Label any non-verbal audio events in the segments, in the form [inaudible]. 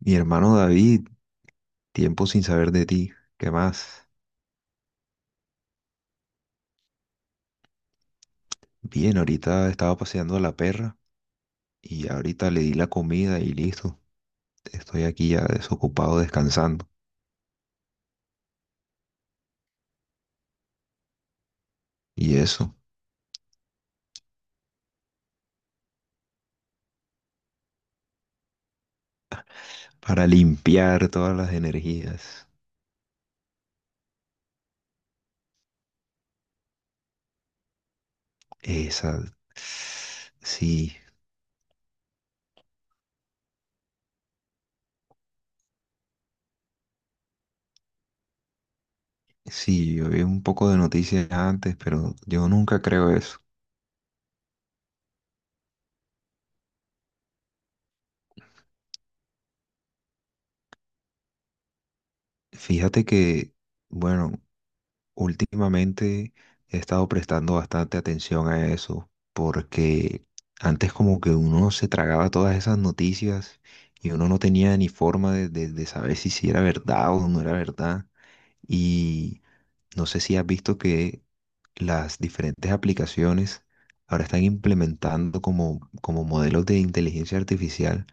Mi hermano David, tiempo sin saber de ti. ¿Qué más? Bien, ahorita estaba paseando a la perra y ahorita le di la comida y listo. Estoy aquí ya desocupado descansando. Y eso, para limpiar todas las energías. Esa. Sí, sí, yo vi un poco de noticias antes, pero yo nunca creo eso. Fíjate que, bueno, Últimamente he estado prestando bastante atención a eso, porque antes como que uno se tragaba todas esas noticias y uno no tenía ni forma de saber si, si era verdad o no era verdad. Y no sé si has visto que las diferentes aplicaciones ahora están implementando como modelos de inteligencia artificial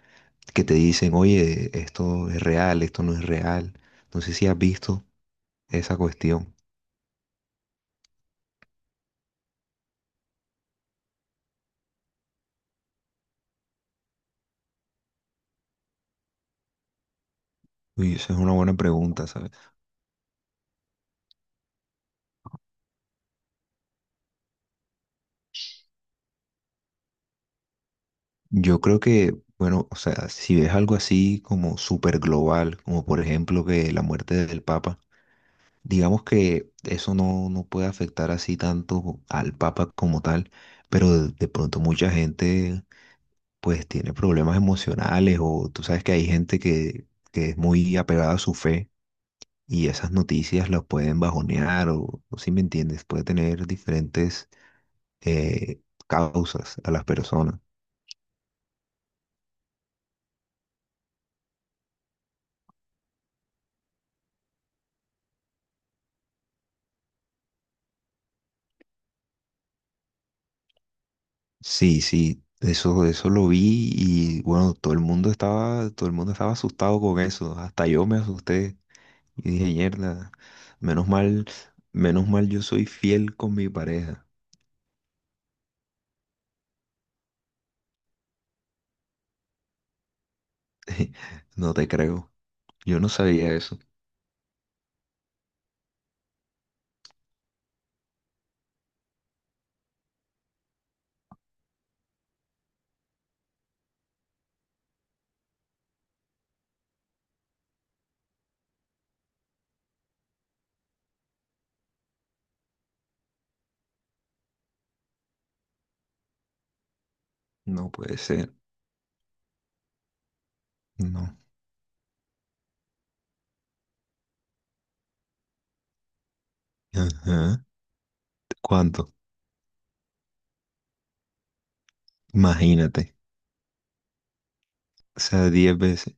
que te dicen, oye, esto es real, esto no es real. No sé si has visto esa cuestión. Uy, esa es una buena pregunta, ¿sabes? Yo creo que, bueno, o sea, si ves algo así como súper global, como por ejemplo que la muerte del Papa, digamos que eso no, no puede afectar así tanto al Papa como tal, pero de pronto mucha gente pues tiene problemas emocionales o tú sabes que hay que es muy apegada a su fe y esas noticias las pueden bajonear o si me entiendes, puede tener diferentes eh, causas a las personas. Sí, sí, eso lo vi y bueno, todo el mundo estaba asustado con eso. Hasta yo me asusté y dije, mierda, menos mal, menos mal yo soy fiel con mi pareja. [laughs] No te creo. Yo no sabía eso. No puede ser. No. Ajá. ¿Cuánto? Imagínate. O sea, 10 veces.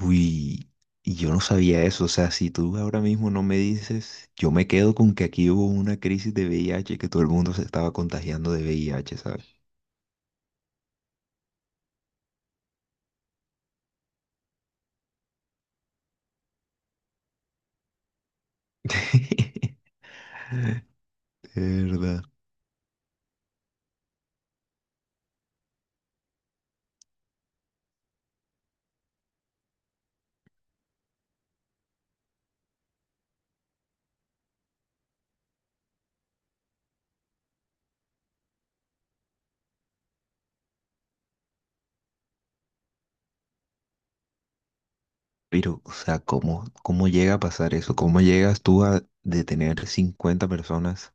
Uy, y yo no sabía eso. O sea, si tú ahora mismo no me dices, yo me quedo con que aquí hubo una crisis de VIH, que todo el mundo se estaba contagiando de VIH, ¿sabes? [laughs] De verdad. Pero, o sea, cómo llega a pasar eso? ¿Cómo llegas tú a detener 50 personas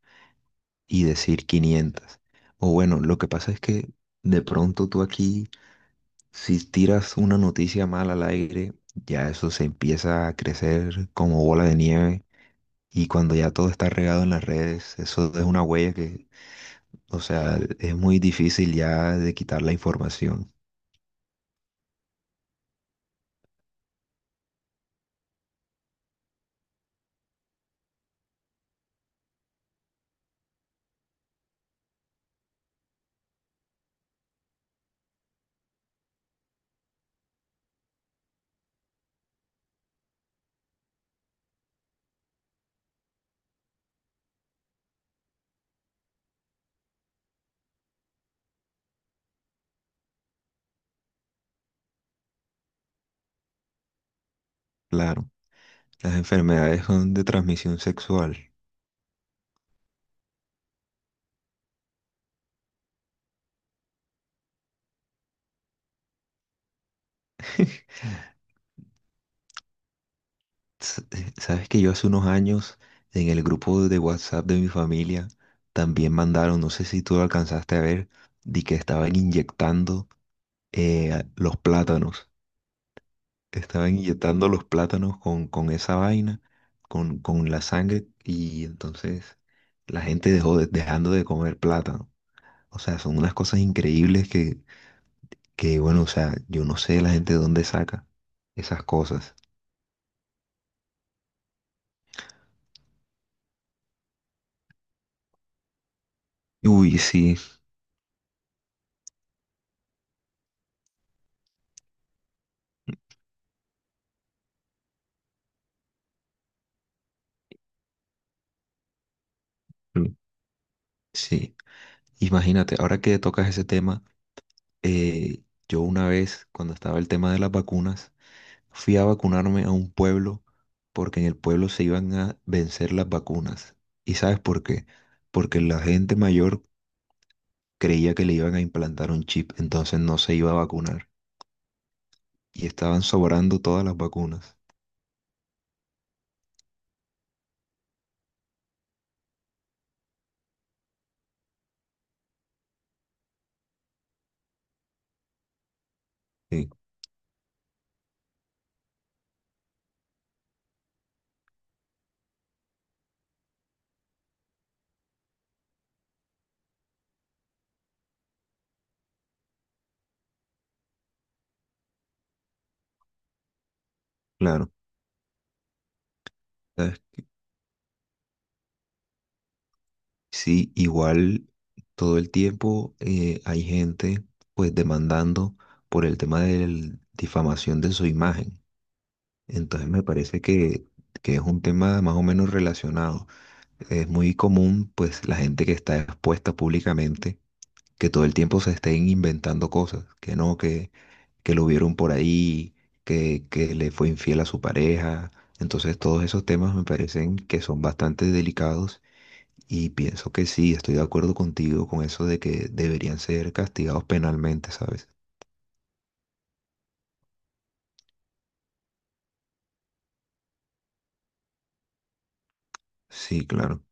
y decir quinientas? O bueno, lo que pasa es que de pronto tú aquí, si tiras una noticia mala al aire, ya eso se empieza a crecer como bola de nieve. Y cuando ya todo está regado en las redes, eso es una huella que, o sea, es muy difícil ya de quitar la información. Claro, las enfermedades son de transmisión sexual. [laughs] Sabes que yo hace unos años en el grupo de WhatsApp de mi familia también mandaron, no sé si tú lo alcanzaste a ver, de que estaban inyectando los plátanos. Estaban inyectando los plátanos con esa vaina, con la sangre, y entonces la gente dejando de comer plátano. O sea, son unas cosas increíbles que, bueno, o sea, yo no sé la gente de dónde saca esas cosas. Uy, sí, mm, sí. Imagínate, ahora que tocas ese tema, eh, yo una vez, cuando estaba el tema de las vacunas, fui a vacunarme a un pueblo porque en el pueblo se iban a vencer las vacunas. ¿Y sabes por qué? Porque la gente mayor creía que le iban a implantar un chip, entonces no se iba a vacunar. Y estaban sobrando todas las vacunas. Sí, claro. ¿Sabes? Sí, igual todo el tiempo hay gente pues demandando por el tema de la difamación de su imagen. Entonces me parece que es un tema más o menos relacionado. Es muy común, pues, la gente que está expuesta públicamente, que todo el tiempo se estén inventando cosas, que no, que lo vieron por ahí, que le fue infiel a su pareja. Entonces, todos esos temas me parecen que son bastante delicados y pienso que sí, estoy de acuerdo contigo con eso de que deberían ser castigados penalmente, ¿sabes? Sí, claro.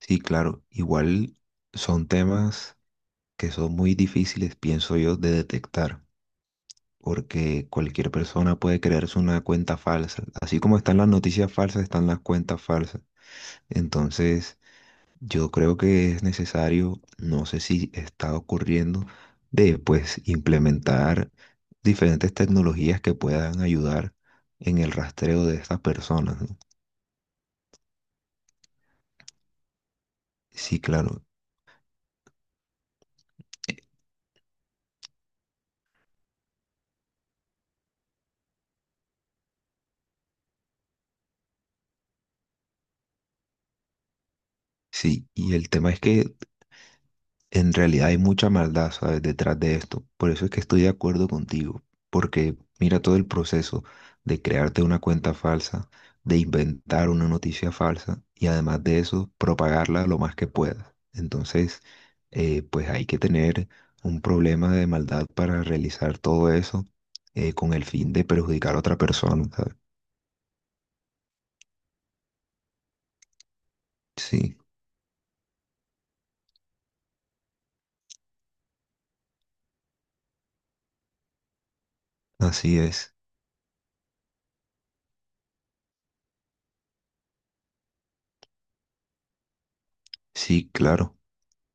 Sí, claro. Igual son temas que son muy difíciles, pienso yo, de detectar, porque cualquier persona puede crearse una cuenta falsa. Así como están las noticias falsas, están las cuentas falsas. Entonces, yo creo que es necesario, no sé si está ocurriendo, de pues implementar diferentes tecnologías que puedan ayudar en el rastreo de estas personas, ¿no? Sí, claro. Sí, y el tema es que en realidad hay mucha maldad, ¿sabes? Detrás de esto. Por eso es que estoy de acuerdo contigo, porque mira todo el proceso de crearte una cuenta falsa, de inventar una noticia falsa y además de eso, propagarla lo más que puedas. Entonces, pues hay que tener un problema de maldad para realizar todo eso con el fin de perjudicar a otra persona, ¿sabes? Sí, así es. Sí, claro.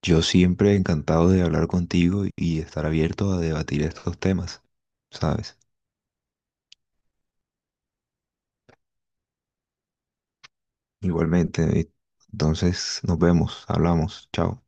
Yo siempre encantado de hablar contigo y estar abierto a debatir estos temas, ¿sabes? Igualmente, David. Entonces, nos vemos, hablamos, chao.